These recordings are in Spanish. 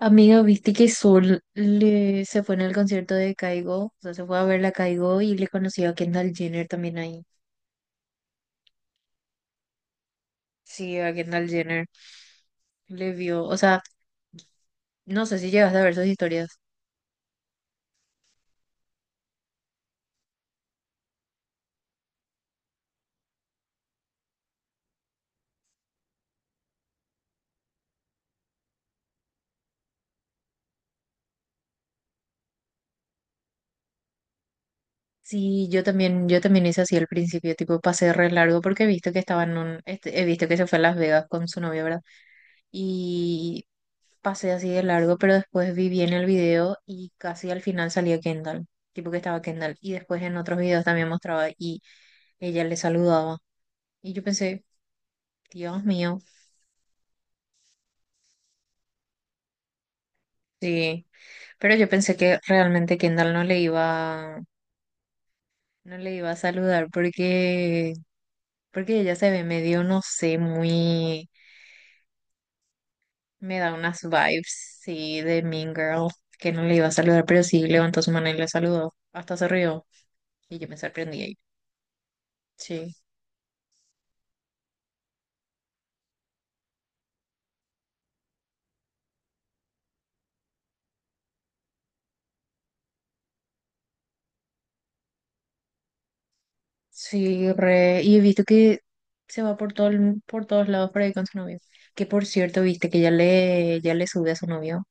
Amiga, viste que se fue en el concierto de Caigo, o sea, se fue a ver la Caigo y le conoció a Kendall Jenner también ahí. Sí, a Kendall Jenner le vio, o sea, no sé si llegaste a ver sus historias. Sí, yo también hice así al principio, tipo pasé re largo porque he visto que estaban en he visto que se fue a Las Vegas con su novia, ¿verdad? Y pasé así de largo, pero después vi bien el video y casi al final salía Kendall, tipo que estaba Kendall. Y después en otros videos también mostraba y ella le saludaba. Y yo pensé, Dios mío, sí. Pero yo pensé que realmente Kendall no le iba, no le iba a saludar porque, porque ella se ve medio, no sé, muy, me da unas vibes, sí, de Mean Girl, que no le iba a saludar, pero sí levantó su mano y le saludó, hasta se rió. Y yo me sorprendí ahí. Sí, sí, re. Y he visto que se va por todo, por todos lados por ahí con su novio. Que por cierto, viste que ya le sube a su novio.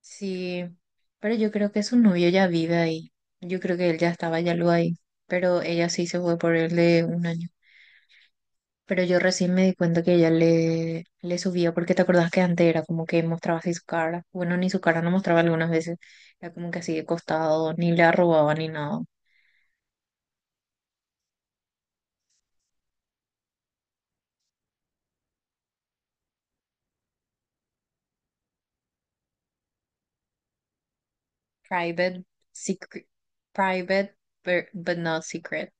Sí, pero yo creo que su novio ya vive ahí. Yo creo que él ya estaba ya luego ahí, pero ella sí se fue por él de un año. Pero yo recién me di cuenta que le subía, porque te acordás que antes era como que mostraba así su cara. Bueno, ni su cara no mostraba algunas veces. Era como que así de costado, ni le arrobaba ni nada. Private, secret, private, but not secret.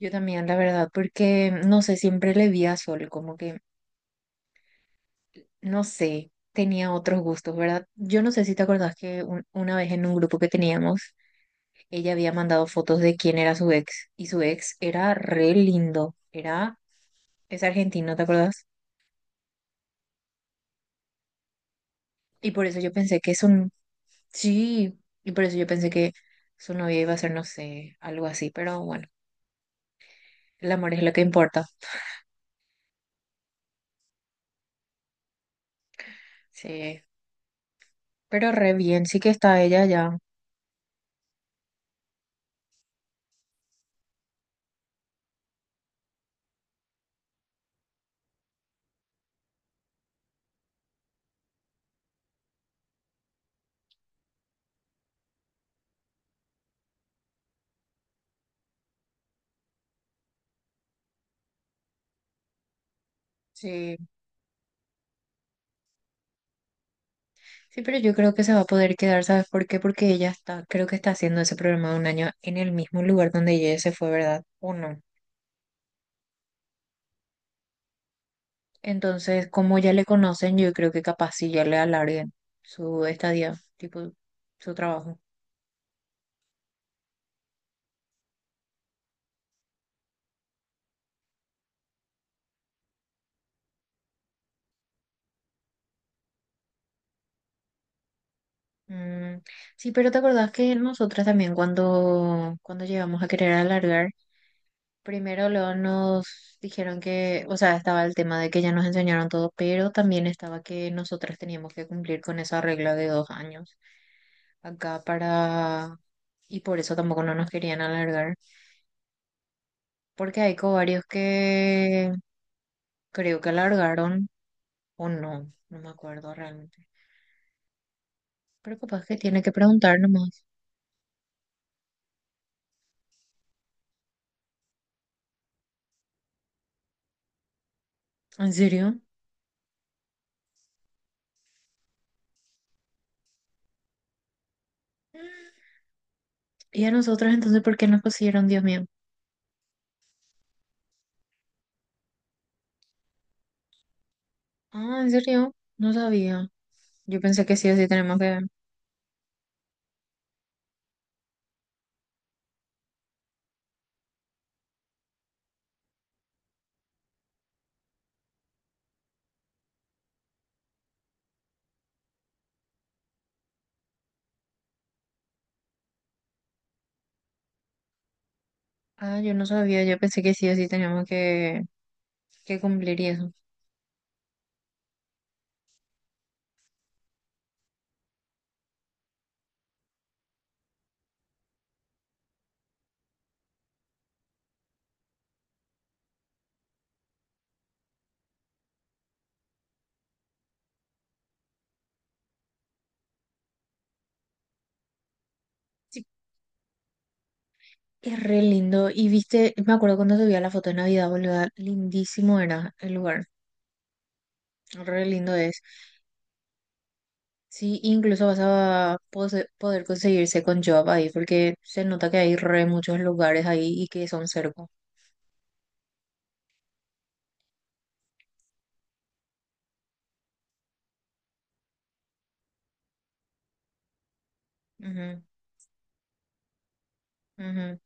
Yo también, la verdad, porque no sé, siempre le vi a Sol, como que no sé, tenía otros gustos, ¿verdad? Yo no sé si te acordás que una vez en un grupo que teníamos, ella había mandado fotos de quién era su ex y su ex era re lindo, era, es argentino, ¿te acordás? Y por eso yo pensé que es un, sí, y por eso yo pensé que su novia iba a ser, no sé, algo así, pero bueno, el amor es lo que importa, sí, pero re bien, sí que está ella ya, sí. Sí, pero yo creo que se va a poder quedar, ¿sabes por qué? Porque ella está, creo que está haciendo ese programa de un año en el mismo lugar donde ella se fue, ¿verdad? ¿O no? Entonces, como ya le conocen, yo creo que capaz sí ya le alarguen su estadía, tipo su trabajo. Mm, sí, pero ¿te acordás que nosotras también cuando llegamos a querer alargar, primero luego nos dijeron que, o sea, estaba el tema de que ya nos enseñaron todo, pero también estaba que nosotras teníamos que cumplir con esa regla de dos años. Acá para... Y por eso tampoco no nos querían alargar, porque hay covarios que creo que alargaron o no, no me acuerdo realmente. Pero capaz que tiene que preguntar nomás. ¿En serio? Mm. ¿Y a nosotros entonces por qué nos pusieron, Dios mío? Ah, ¿en serio? No sabía. Yo pensé que sí o sí tenemos que... Ah, yo no sabía, yo pensé que sí o sí teníamos que cumplir y eso. Sí, es re lindo. Y viste, me acuerdo cuando subía la foto de Navidad, boluda, lindísimo era el lugar. Re lindo es. Sí, incluso vas a poder conseguirse con job ahí, porque se nota que hay re muchos lugares ahí y que son cerca. Ujú, ujú.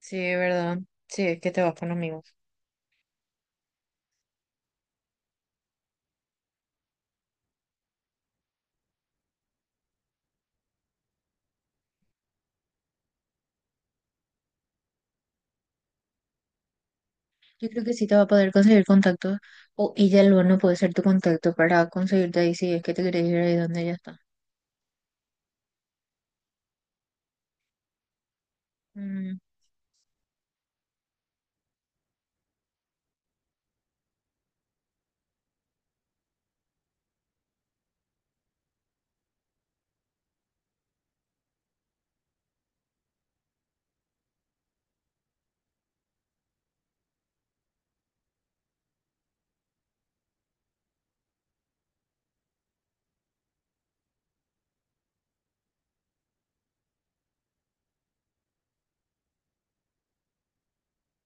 Sí, es verdad. Sí, es que te vas con amigos. Yo creo que sí te va a poder conseguir contactos, o ella luego no puede ser tu contacto para conseguirte ahí si es que te querés ir ahí donde ella está. Mm,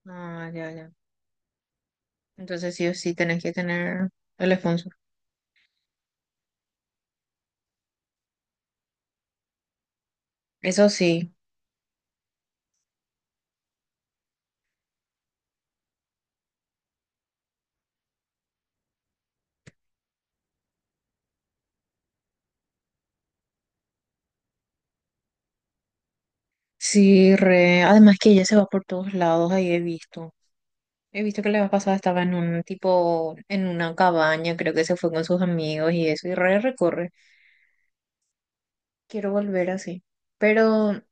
ah, ya, ya. Entonces sí o sí tenés que tener el sponsor. Eso sí, sí, re. Además que ella se va por todos lados, ahí he visto. He visto que la vez pasada estaba en un tipo, en una cabaña, creo que se fue con sus amigos y eso, y re recorre. Quiero volver así. Pero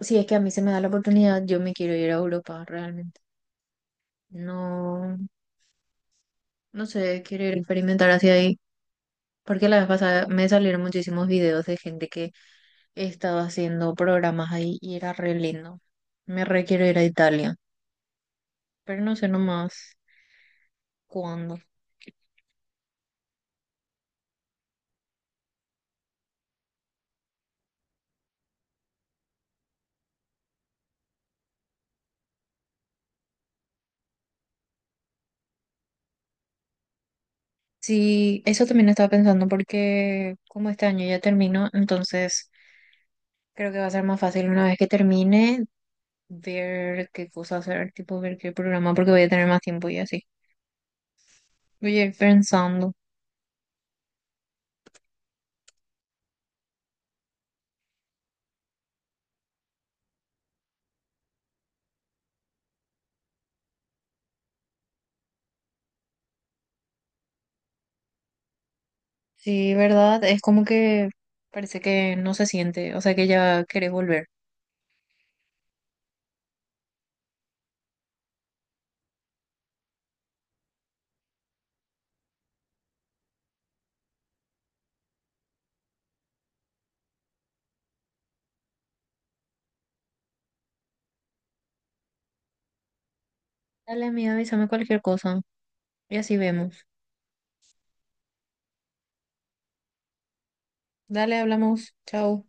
si es que a mí se me da la oportunidad, yo me quiero ir a Europa realmente. No, no sé, quiero ir a experimentar hacia ahí. Porque la vez pasada me salieron muchísimos videos de gente que estaba haciendo programas ahí y era re lindo. Me re quiero ir a Italia, pero no sé nomás cuándo. Sí, eso también estaba pensando porque como este año ya termino, entonces creo que va a ser más fácil una vez que termine ver qué cosa hacer, tipo ver qué programa, porque voy a tener más tiempo y así. Voy a ir pensando. Sí, ¿verdad? Es como que parece que no se siente, o sea que ya querés volver. Dale, amiga, avísame cualquier cosa y así vemos. Dale, hablamos. Chao.